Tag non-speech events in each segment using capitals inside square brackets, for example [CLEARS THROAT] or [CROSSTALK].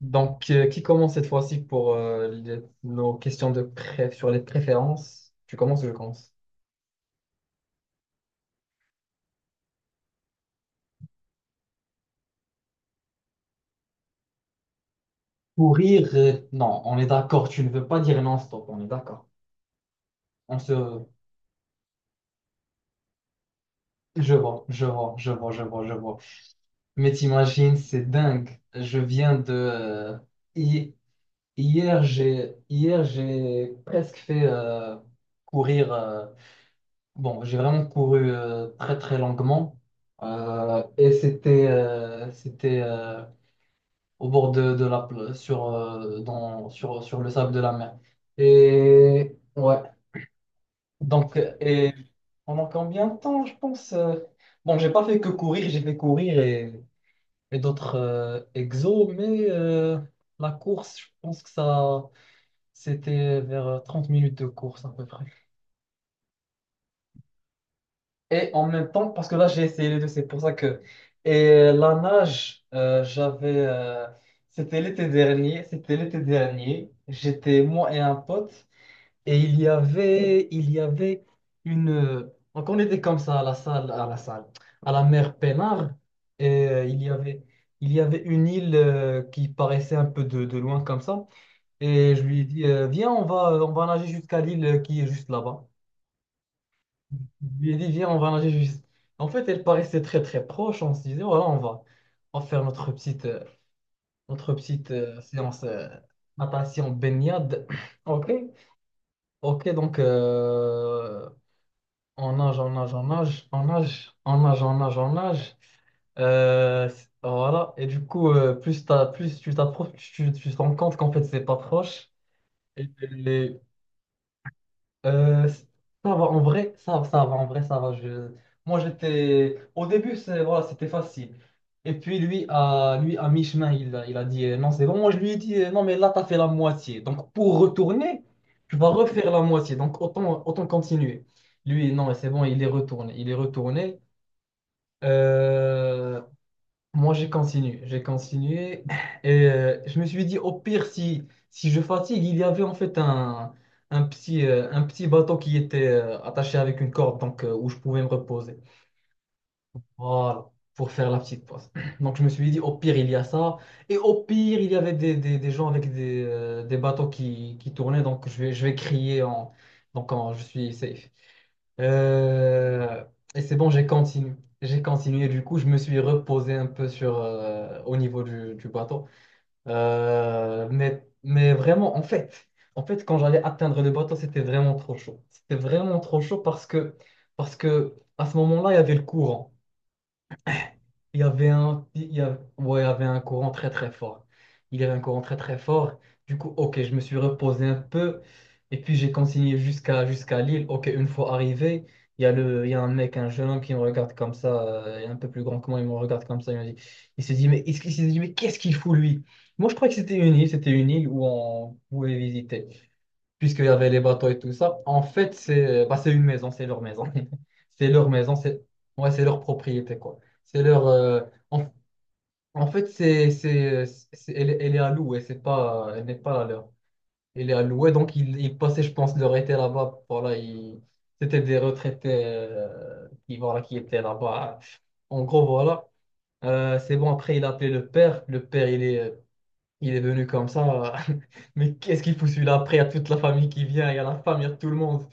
Donc, qui commence cette fois-ci pour nos questions de sur les préférences? Tu commences ou je commence? Courir, non, on est d'accord, tu ne veux pas dire non-stop, on est d'accord. On se... Je vois, je vois, je vois, je vois, je vois. Mais t'imagines, c'est dingue. Je viens de... hi- Hier, j'ai presque fait courir... bon, j'ai vraiment couru très, très longuement. Et c'était... c'était... au bord de la sur, dans, sur le sable de la mer. Et ouais, donc pendant combien de temps, je pense, bon, j'ai pas fait que courir, j'ai fait courir d'autres exos, mais la course, je pense que ça c'était vers 30 minutes de course à peu près. Et en même temps, parce que là, j'ai essayé les deux, c'est pour ça que. Et la nage, j'avais, c'était l'été dernier, c'était l'été dernier. J'étais moi et un pote, et il y avait une. Donc, on était comme ça à la salle, à la mer Pénard, et il y avait une île, qui paraissait un peu de loin comme ça. Et je lui ai dit, viens, on va nager jusqu'à l'île, qui est juste là-bas. Je lui ai dit, viens, on va nager juste. En fait, elle paraissait très très proche. On se disait, voilà, on va faire notre petite séance, natation baignade. [CLEARS THROAT] Ok, ok, donc on nage, on nage, on nage, on nage, on nage, on nage, on nage. Voilà, et du coup, plus tu t'approches, tu te rends compte qu'en fait, c'est pas proche. Et, ça va, en vrai, ça va, en vrai, ça va. Je... Moi, j'étais... Au début, voilà, c'était facile. Et puis, lui, à mi-chemin, il a dit, non, c'est bon. Moi, je lui ai dit, non, mais là, t'as fait la moitié. Donc, pour retourner, tu vas refaire la moitié. Donc, autant continuer. Lui, non, mais c'est bon, il est retourné. Il est retourné. Euh, moi, j'ai continué et je me suis dit au pire, si je fatigue, il y avait en fait un petit bateau qui était attaché avec une corde, donc où je pouvais me reposer. Voilà, pour faire la petite pause. [CLEARS THROAT] Donc je me suis dit, au pire, il y a ça. Et au pire, il y avait des gens avec des bateaux qui tournaient. Donc je vais crier en... Donc je suis safe. Euh, Et c'est bon, j'ai continué. J'ai continué. Du coup, je me suis reposé un peu au niveau du bateau. Mais vraiment, en fait, quand j'allais atteindre le bateau, c'était vraiment trop chaud. C'était vraiment trop chaud parce que à ce moment-là, il y avait le courant. Il y avait un, il y a- ouais, il y avait un courant très très fort. Il y avait un courant très très fort. Du coup, ok, je me suis reposé un peu. Et puis j'ai continué jusqu'à Lille. Ok, une fois arrivé, il y a un mec, un jeune homme qui me regarde comme ça, il est un peu plus grand que moi, il me regarde comme ça. Il me dit, il se dit, mais qu'est-ce qu'il fout lui? Moi, je crois que c'était une île où on pouvait visiter puisqu'il y avait les bateaux et tout ça. En fait, c'est une maison, c'est leur maison. [LAUGHS] C'est leur maison, c'est, ouais, c'est leur propriété, quoi. C'est leur. En, en fait, elle est à louer, c'est pas, elle n'est pas la leur. Elle est à louer, donc ils passaient, je pense, leur été là-bas. Voilà, c'était des retraités, voilà, qui étaient là-bas. En gros, voilà. C'est bon, après, il a appelé le père. Le père, il est. Il est venu comme ça. [LAUGHS] Mais qu'est-ce qu'il fout celui-là? Après, il y a toute la famille qui vient, il y a la femme, il y a tout le monde.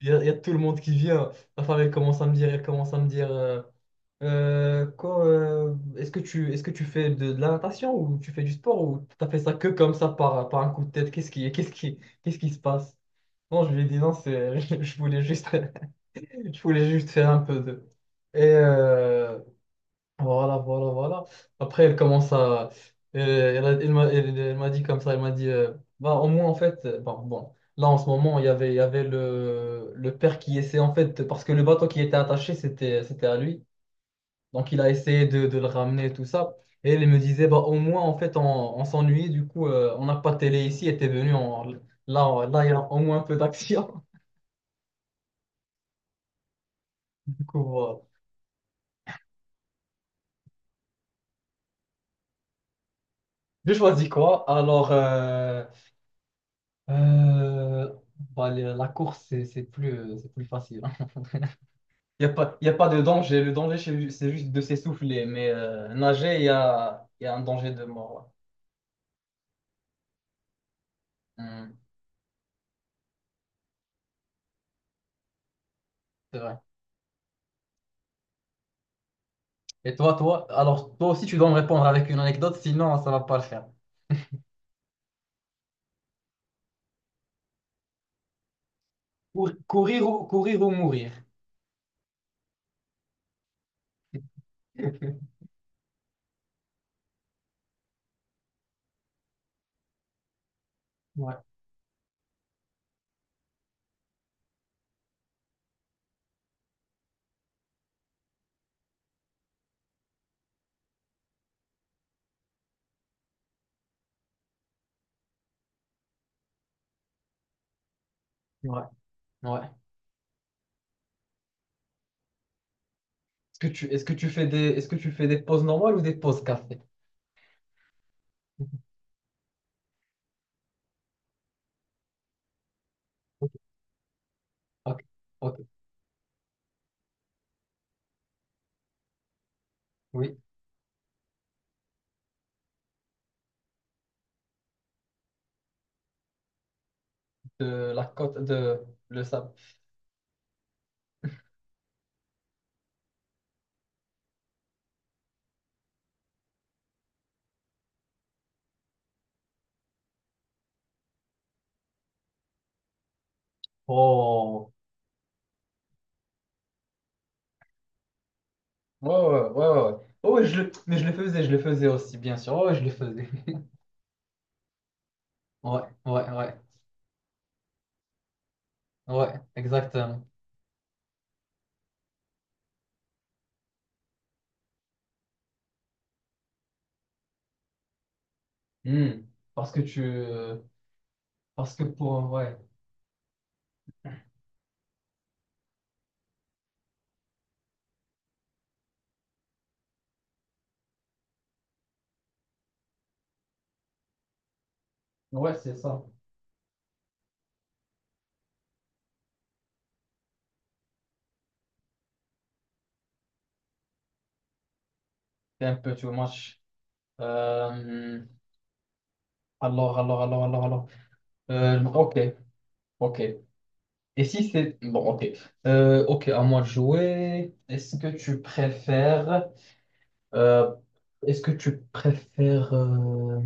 Il y a tout le monde qui vient. La femme, elle commence à me dire, quoi, est-ce que tu fais de la natation ou tu fais du sport ou t'as fait ça que comme ça par un coup de tête? Qu'est-ce qui se passe? Non, je lui ai dit non, c'est, [LAUGHS] [LAUGHS] je voulais juste faire un peu de. Et, voilà, voilà, voilà. Après, elle commence à, elle m'a dit comme ça, elle m'a dit, bah, au moins, en fait, bon, là, en ce moment, il y avait le père qui essayait, en fait, parce que le bateau qui était attaché, c'était à lui. Donc, il a essayé de le ramener, et tout ça. Et elle me disait, bah, au moins, en fait, on s'ennuyait, du coup, on n'a pas de télé ici, était venu, là, il y a au moins un peu d'action. [LAUGHS] Du coup, voilà. J'ai choisi quoi? Alors, Euh, bah, la course, c'est plus facile, hein. Il n'y a pas, y a pas de danger. Le danger, c'est juste de s'essouffler. Mais nager, y a un danger de mort. Ouais. Hmm. C'est vrai. Et toi, toi, alors toi aussi, tu dois me répondre avec une anecdote, sinon ça va pas le faire. Courir ou mourir. [LAUGHS] Ouais, ouais, ouais. Est-ce que tu fais des pauses normales ou des pauses café? [LAUGHS] Ok, ok, ok. Oui. De la côte de le sable. Oh. Ouais, ouais, ouais, ouais, ouais. Oh, ouais, je le... Mais je le faisais aussi, bien sûr. Oh, ouais, je le faisais. [LAUGHS] Ouais, ouais, ouais. Ouais, exactement. Hmm. Parce que tu... parce que pour... Ouais. Ouais, c'est ça. C'est un peu too much. Euh, alors, alors. Ok, ok. Et si c'est... Bon, ok. Ok, à moi de jouer. Est-ce que tu préfères... euh, Est-ce que tu préfères...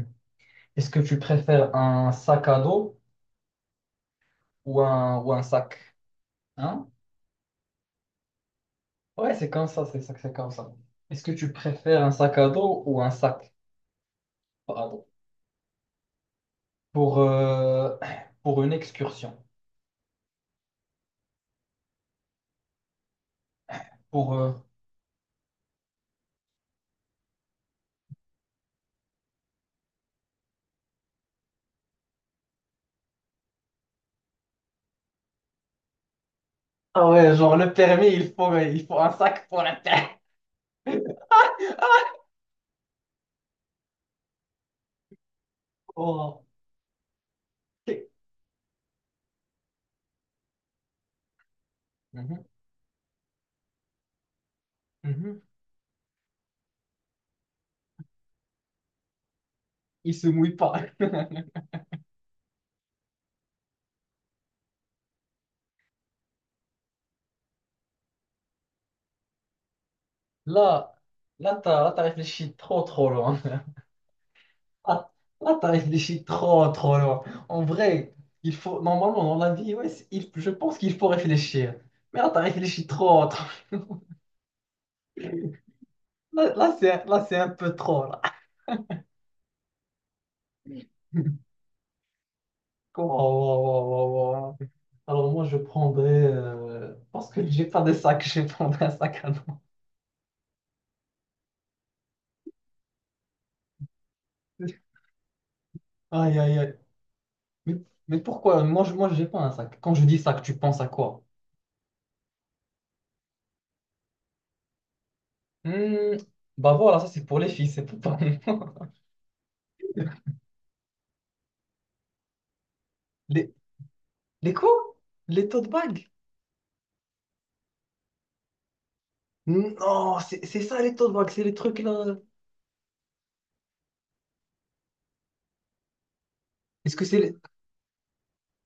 Est-ce que tu préfères un sac à dos ou un sac? Hein? Ouais, c'est comme ça, c'est comme ça. Est-ce que tu préfères un sac à dos ou un sac pas à dos pour, euh, pour une excursion? Pour, euh, Ah ouais, genre le permis, il faut un sac pour la terre. [LAUGHS] Oh. Mhm, mhm. Il se mouille pas. Là, Là, là, t'as réfléchi trop, trop loin. Ah. Là, t'as réfléchi trop, trop loin. En vrai, il faut, normalement, dans la vie, ouais, je pense qu'il faut réfléchir. Mais là, t'as réfléchi trop, trop. Là, c'est un peu trop, là. [LAUGHS] Waouh, waouh, waouh, waouh, waouh. Alors moi, je prendrais... parce que j'ai pas de sac, [LAUGHS] je prendrais un sac à dos. [LAUGHS] Aïe, aïe, aïe. Mais, mais pourquoi? Moi, j'ai pas un sac. Quand je dis sac, tu penses à quoi? Hmm, bah voilà, ça, c'est pour les filles, c'est pas pour moi. [LAUGHS] Les, les quoi? Les tote bags? Non, c'est ça, les tote bags, c'est les trucs, là. Est-ce que c'est les,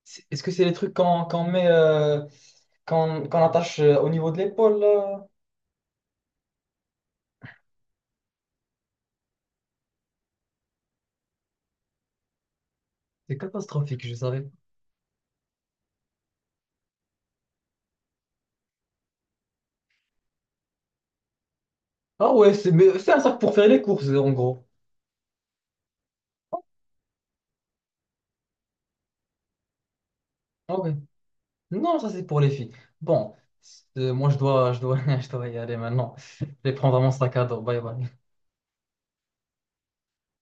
est-ce que c'est les trucs qu'on met... qu'on attache, au niveau de l'épaule, là? C'est catastrophique, je savais. Ah ouais, c'est mais c'est un sac pour faire les courses, en gros. Ah ouais. Non, ça c'est pour les filles. Bon, moi je dois, [LAUGHS] je dois y aller maintenant. Je vais prendre mon sac à dos. Bye bye.